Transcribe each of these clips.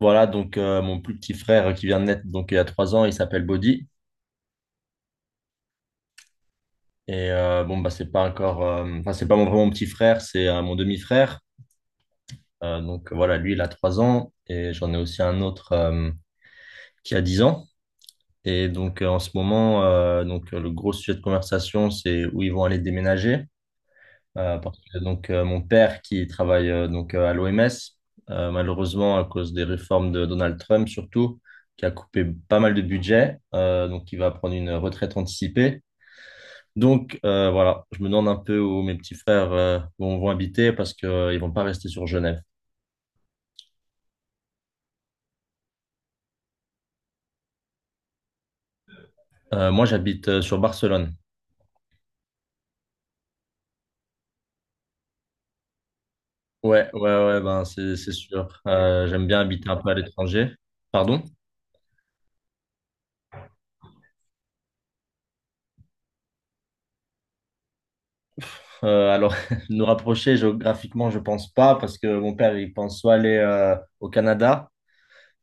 Voilà, donc mon plus petit frère qui vient de naître donc il y a 3 ans, il s'appelle Bodhi. Et bon, bah, c'est pas encore, enfin, c'est pas mon, vraiment mon petit frère, c'est mon demi-frère. Donc voilà, lui, il a 3 ans et j'en ai aussi un autre qui a 10 ans. Et donc en ce moment, le gros sujet de conversation, c'est où ils vont aller déménager. Parce que donc mon père qui travaille à l'OMS, malheureusement à cause des réformes de Donald Trump surtout, qui a coupé pas mal de budget, donc il va prendre une retraite anticipée. Donc voilà, je me demande un peu où mes petits frères vont habiter parce qu'ils vont pas rester sur Genève. Moi j'habite sur Barcelone. Ouais, ouais, ouais, ben c'est sûr. J'aime bien habiter un peu à l'étranger. Pardon? Alors, nous rapprocher géographiquement, je pense pas, parce que mon père, il pense soit aller au Canada,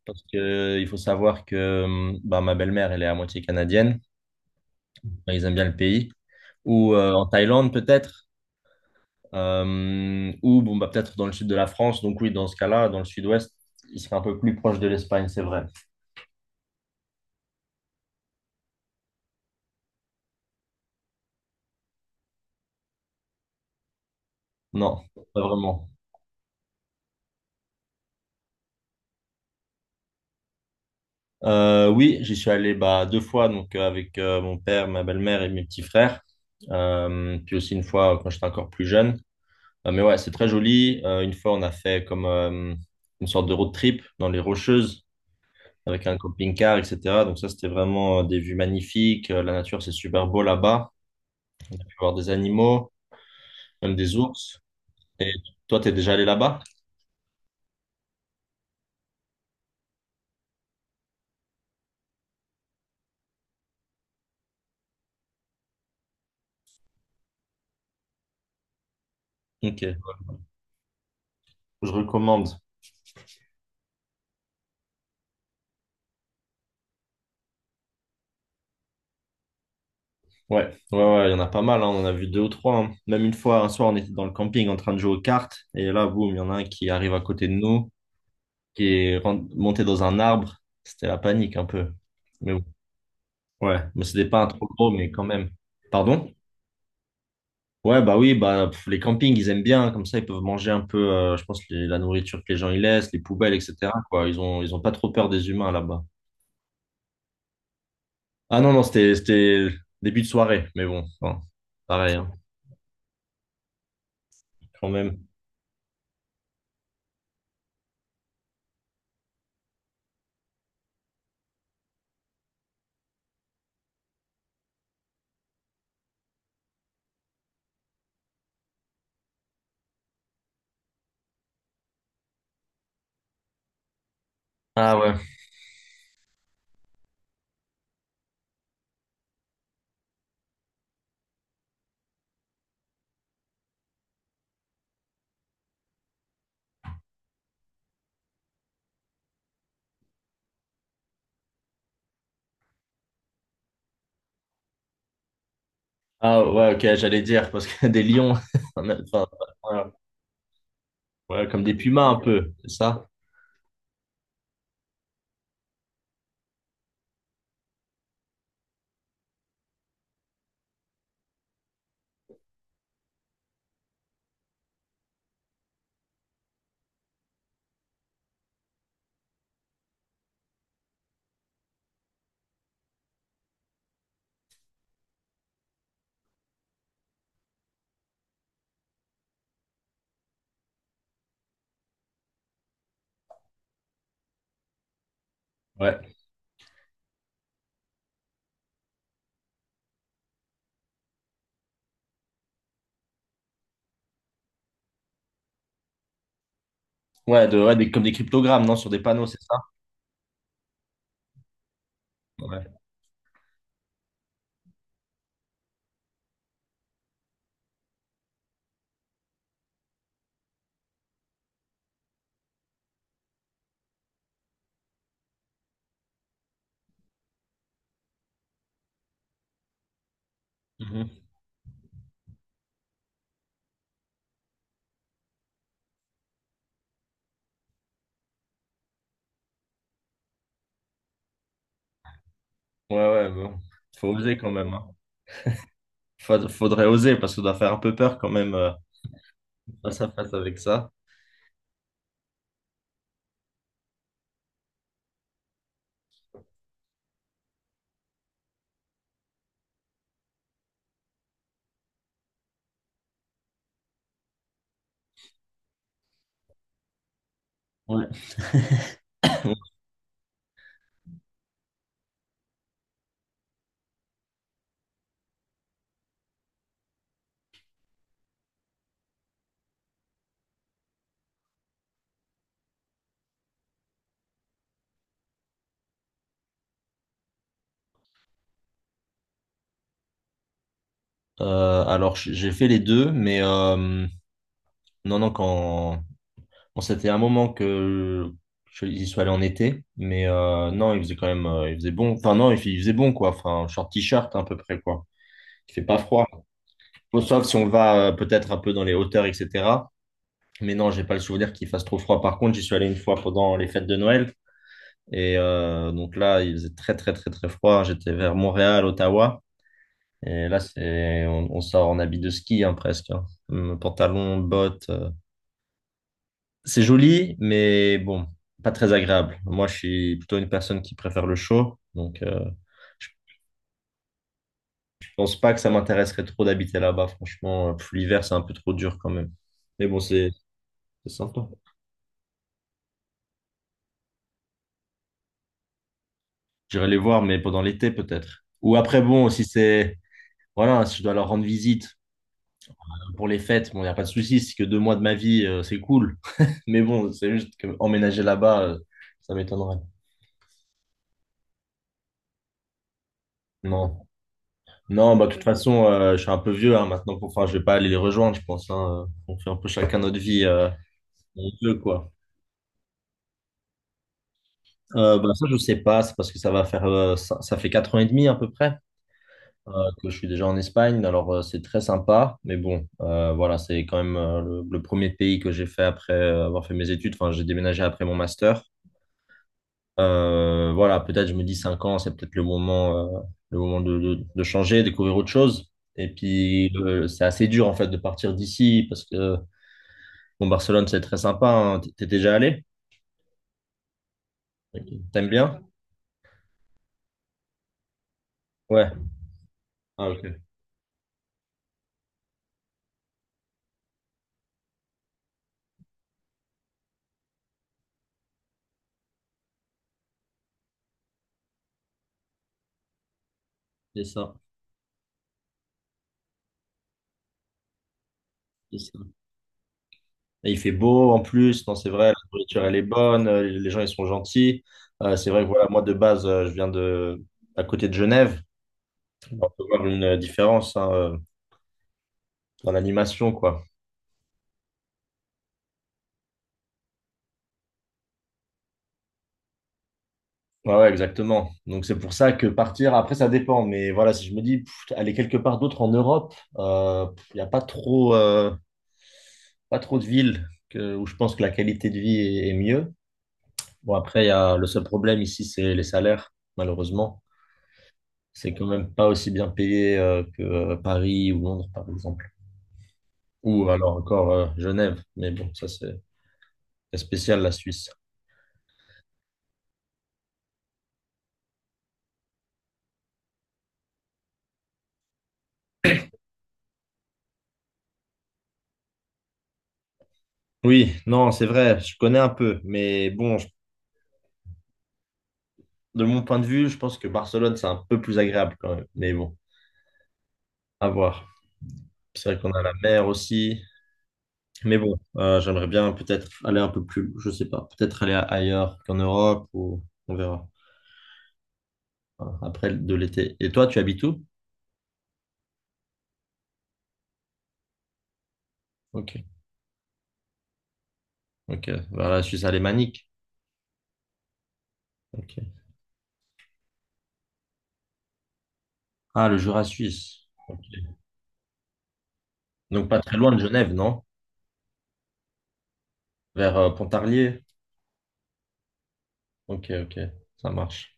parce que il faut savoir que bah, ma belle-mère, elle est à moitié canadienne, bah, ils aiment bien le pays, ou en Thaïlande peut-être, ou bon, bah, peut-être dans le sud de la France, donc oui, dans ce cas-là, dans le sud-ouest, il serait un peu plus proche de l'Espagne, c'est vrai. Non, pas vraiment. Oui, j'y suis allé bah, deux fois, donc avec mon père, ma belle-mère et mes petits frères. Puis aussi une fois quand j'étais encore plus jeune. Mais ouais, c'est très joli. Une fois, on a fait comme une sorte de road trip dans les Rocheuses avec un camping-car, etc. Donc ça, c'était vraiment des vues magnifiques. La nature, c'est super beau là-bas. On a pu voir des animaux, même des ours. Et toi, t'es déjà allé là-bas? Ok, ouais. Je recommande. Ouais, ouais, ouais, il y en a pas mal, hein. On en a vu deux ou trois, hein. Même une fois, un soir, on était dans le camping en train de jouer aux cartes. Et là, boum, il y en a un qui arrive à côté de nous, qui est monté dans un arbre. C'était la panique un peu. Mais ouais, mais c'était pas un trop gros, mais quand même. Pardon? Ouais, bah oui, bah pff, les campings, ils aiment bien, comme ça, ils peuvent manger un peu, je pense, la nourriture que les gens y laissent, les poubelles, etc., quoi. Ils ont pas trop peur des humains là-bas. Ah non, non, c'était début de soirée, mais bon, enfin, pareil, hein, quand même. Ah ouais, ah ouais, ok, j'allais dire, parce que des lions, enfin, voilà. Ouais, comme des pumas un peu, c'est ça? Ouais, ouais, comme des cryptogrammes, non, sur des panneaux, c'est ça? Ouais, mhm. Ouais, ouais, bon, faut oser quand même, hein. Faudrait oser parce qu'on doit faire un peu peur quand même face à face avec ça. Ouais. Alors j'ai fait les deux, mais non, non, quand bon, c'était un moment que j'y suis allé en été, mais non, il faisait bon. Enfin non, il faisait bon quoi. Enfin short t-shirt à peu près quoi. Il fait pas froid. Bon, sauf si on va peut-être un peu dans les hauteurs, etc. Mais non, j'ai pas le souvenir qu'il fasse trop froid. Par contre, j'y suis allé une fois pendant les fêtes de Noël. Et donc là, il faisait très, très, très, très froid. J'étais vers Montréal, Ottawa. Et là, on sort en habit de ski, hein, presque, hein. Pantalon, bottes. C'est joli, mais bon, pas très agréable. Moi, je suis plutôt une personne qui préfère le chaud. Donc, je pense pas que ça m'intéresserait trop d'habiter là-bas. Franchement, pff, l'hiver, c'est un peu trop dur quand même. Mais bon, c'est sympa. J'irai les voir, mais pendant l'été, peut-être. Ou après, bon, si c'est. Voilà, si je dois leur rendre visite pour les fêtes, bon, il n'y a pas de souci. Si c'est que 2 mois de ma vie, c'est cool. Mais bon, c'est juste que emménager là-bas, ça m'étonnerait. Non. Non, bah, de toute façon, je suis un peu vieux hein, maintenant. Pour... Enfin, je vais pas aller les rejoindre, je pense, hein. On fait un peu chacun notre vie. On veut quoi. Bah, ça, je sais pas, c'est parce que ça va faire, ça fait 4 ans et demi à peu près euh, que je suis déjà en Espagne. Alors, c'est très sympa, mais bon, voilà, c'est quand même le premier pays que j'ai fait après avoir fait mes études. Enfin, j'ai déménagé après mon master. Voilà, peut-être je me dis 5 ans, c'est peut-être le moment de changer, découvrir autre chose. Et puis c'est assez dur en fait de partir d'ici parce que bon, Barcelone c'est très sympa, hein. T'es déjà allé? T'aimes bien? Ouais. Ah ok. C'est ça. C'est ça. Et il fait beau en plus. Non, c'est vrai. La nourriture elle est bonne. Les gens ils sont gentils. C'est vrai que voilà, moi de base je viens de à côté de Genève. On peut voir une différence hein, dans l'animation quoi. Ouais, ouais, exactement. Donc c'est pour ça que partir, après ça dépend, mais voilà, si je me dis pff, aller quelque part d'autre en Europe, pff, il n'y a pas trop, pas trop de villes où je pense que la qualité de vie est mieux. Bon, après, il y a, le seul problème ici, c'est les salaires, malheureusement. C'est quand même pas aussi bien payé que Paris ou Londres, par exemple. Ou alors encore Genève, mais bon, ça c'est spécial la Suisse. Oui, non, c'est vrai, je connais un peu, mais bon, je de mon point de vue, je pense que Barcelone, c'est un peu plus agréable quand même. Mais bon, à voir. C'est vrai qu'on a la mer aussi. Mais bon, j'aimerais bien peut-être aller un peu plus, je sais pas, peut-être aller ailleurs qu'en Europe ou on verra. Voilà, après de l'été. Et toi, tu habites où? Ok, ok. Vers la Suisse alémanique. Ok. Ah, le Jura suisse. Ok. Donc pas très loin de Genève, non? Vers Pontarlier. Ok, ok. Ça marche.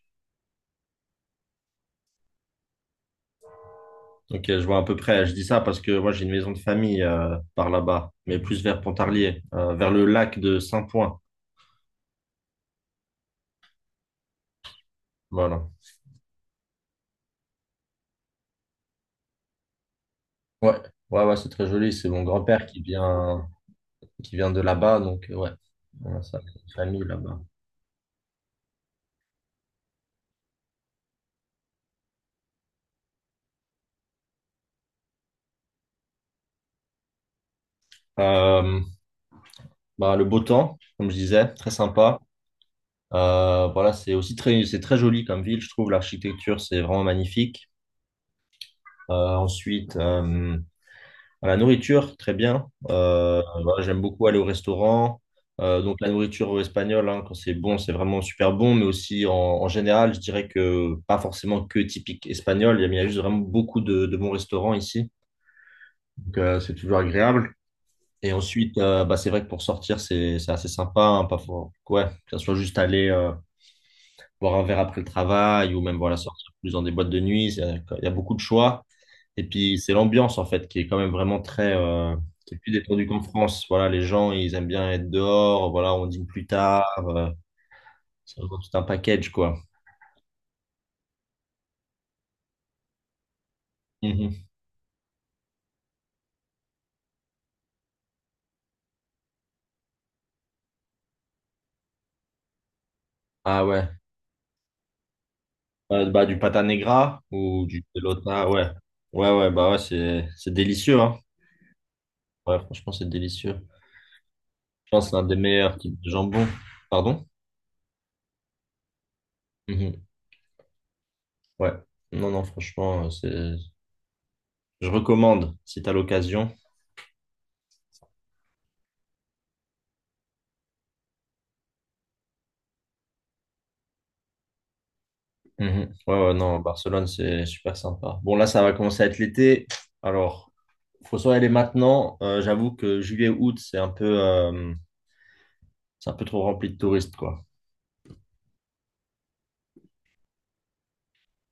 Ok, je vois à peu près. Je dis ça parce que moi j'ai une maison de famille par là-bas, mais plus vers Pontarlier, vers le lac de Saint-Point. Voilà. Ouais, ouais, ouais, c'est très joli. C'est mon grand-père qui vient, de là-bas, donc ouais, on a sa famille là-bas. Euh, bah, le beau temps, comme je disais, très sympa. Voilà, c'est aussi très, c'est très joli comme ville, je trouve. L'architecture, c'est vraiment magnifique. Ensuite, à la nourriture, très bien. Voilà, j'aime beaucoup aller au restaurant. Donc la nourriture espagnole, hein, quand c'est bon, c'est vraiment super bon, mais aussi en, en général, je dirais que pas forcément que typique espagnol. Il y a juste vraiment beaucoup de bons restaurants ici. Donc c'est toujours agréable. Et ensuite, bah, c'est vrai que pour sortir, c'est assez sympa, hein, pas for- ouais, que ce soit juste aller boire un verre après le travail ou même voilà, sortir plus dans des boîtes de nuit. Il y a beaucoup de choix. Et puis, c'est l'ambiance, en fait, qui est quand même vraiment très, qui est plus détendue qu'en France. Voilà, les gens, ils aiment bien être dehors. Voilà, on dîne plus tard. C'est vraiment tout un package, quoi. Mhm. Ah ouais. Bah, du pata negra ou du pelota, ouais. Ouais, ouais, bah ouais, c'est délicieux, hein. Ouais, franchement, c'est délicieux. Je pense que c'est l'un des meilleurs types de jambon. Pardon? Mhm. Ouais. Non, non, franchement, je recommande si t'as l'occasion. Mhm. Ouais, ouais, non, Barcelone, c'est super sympa. Bon, là, ça va commencer à être l'été. Alors, faut soit aller maintenant. J'avoue que juillet, août, c'est un peu trop rempli de touristes, quoi.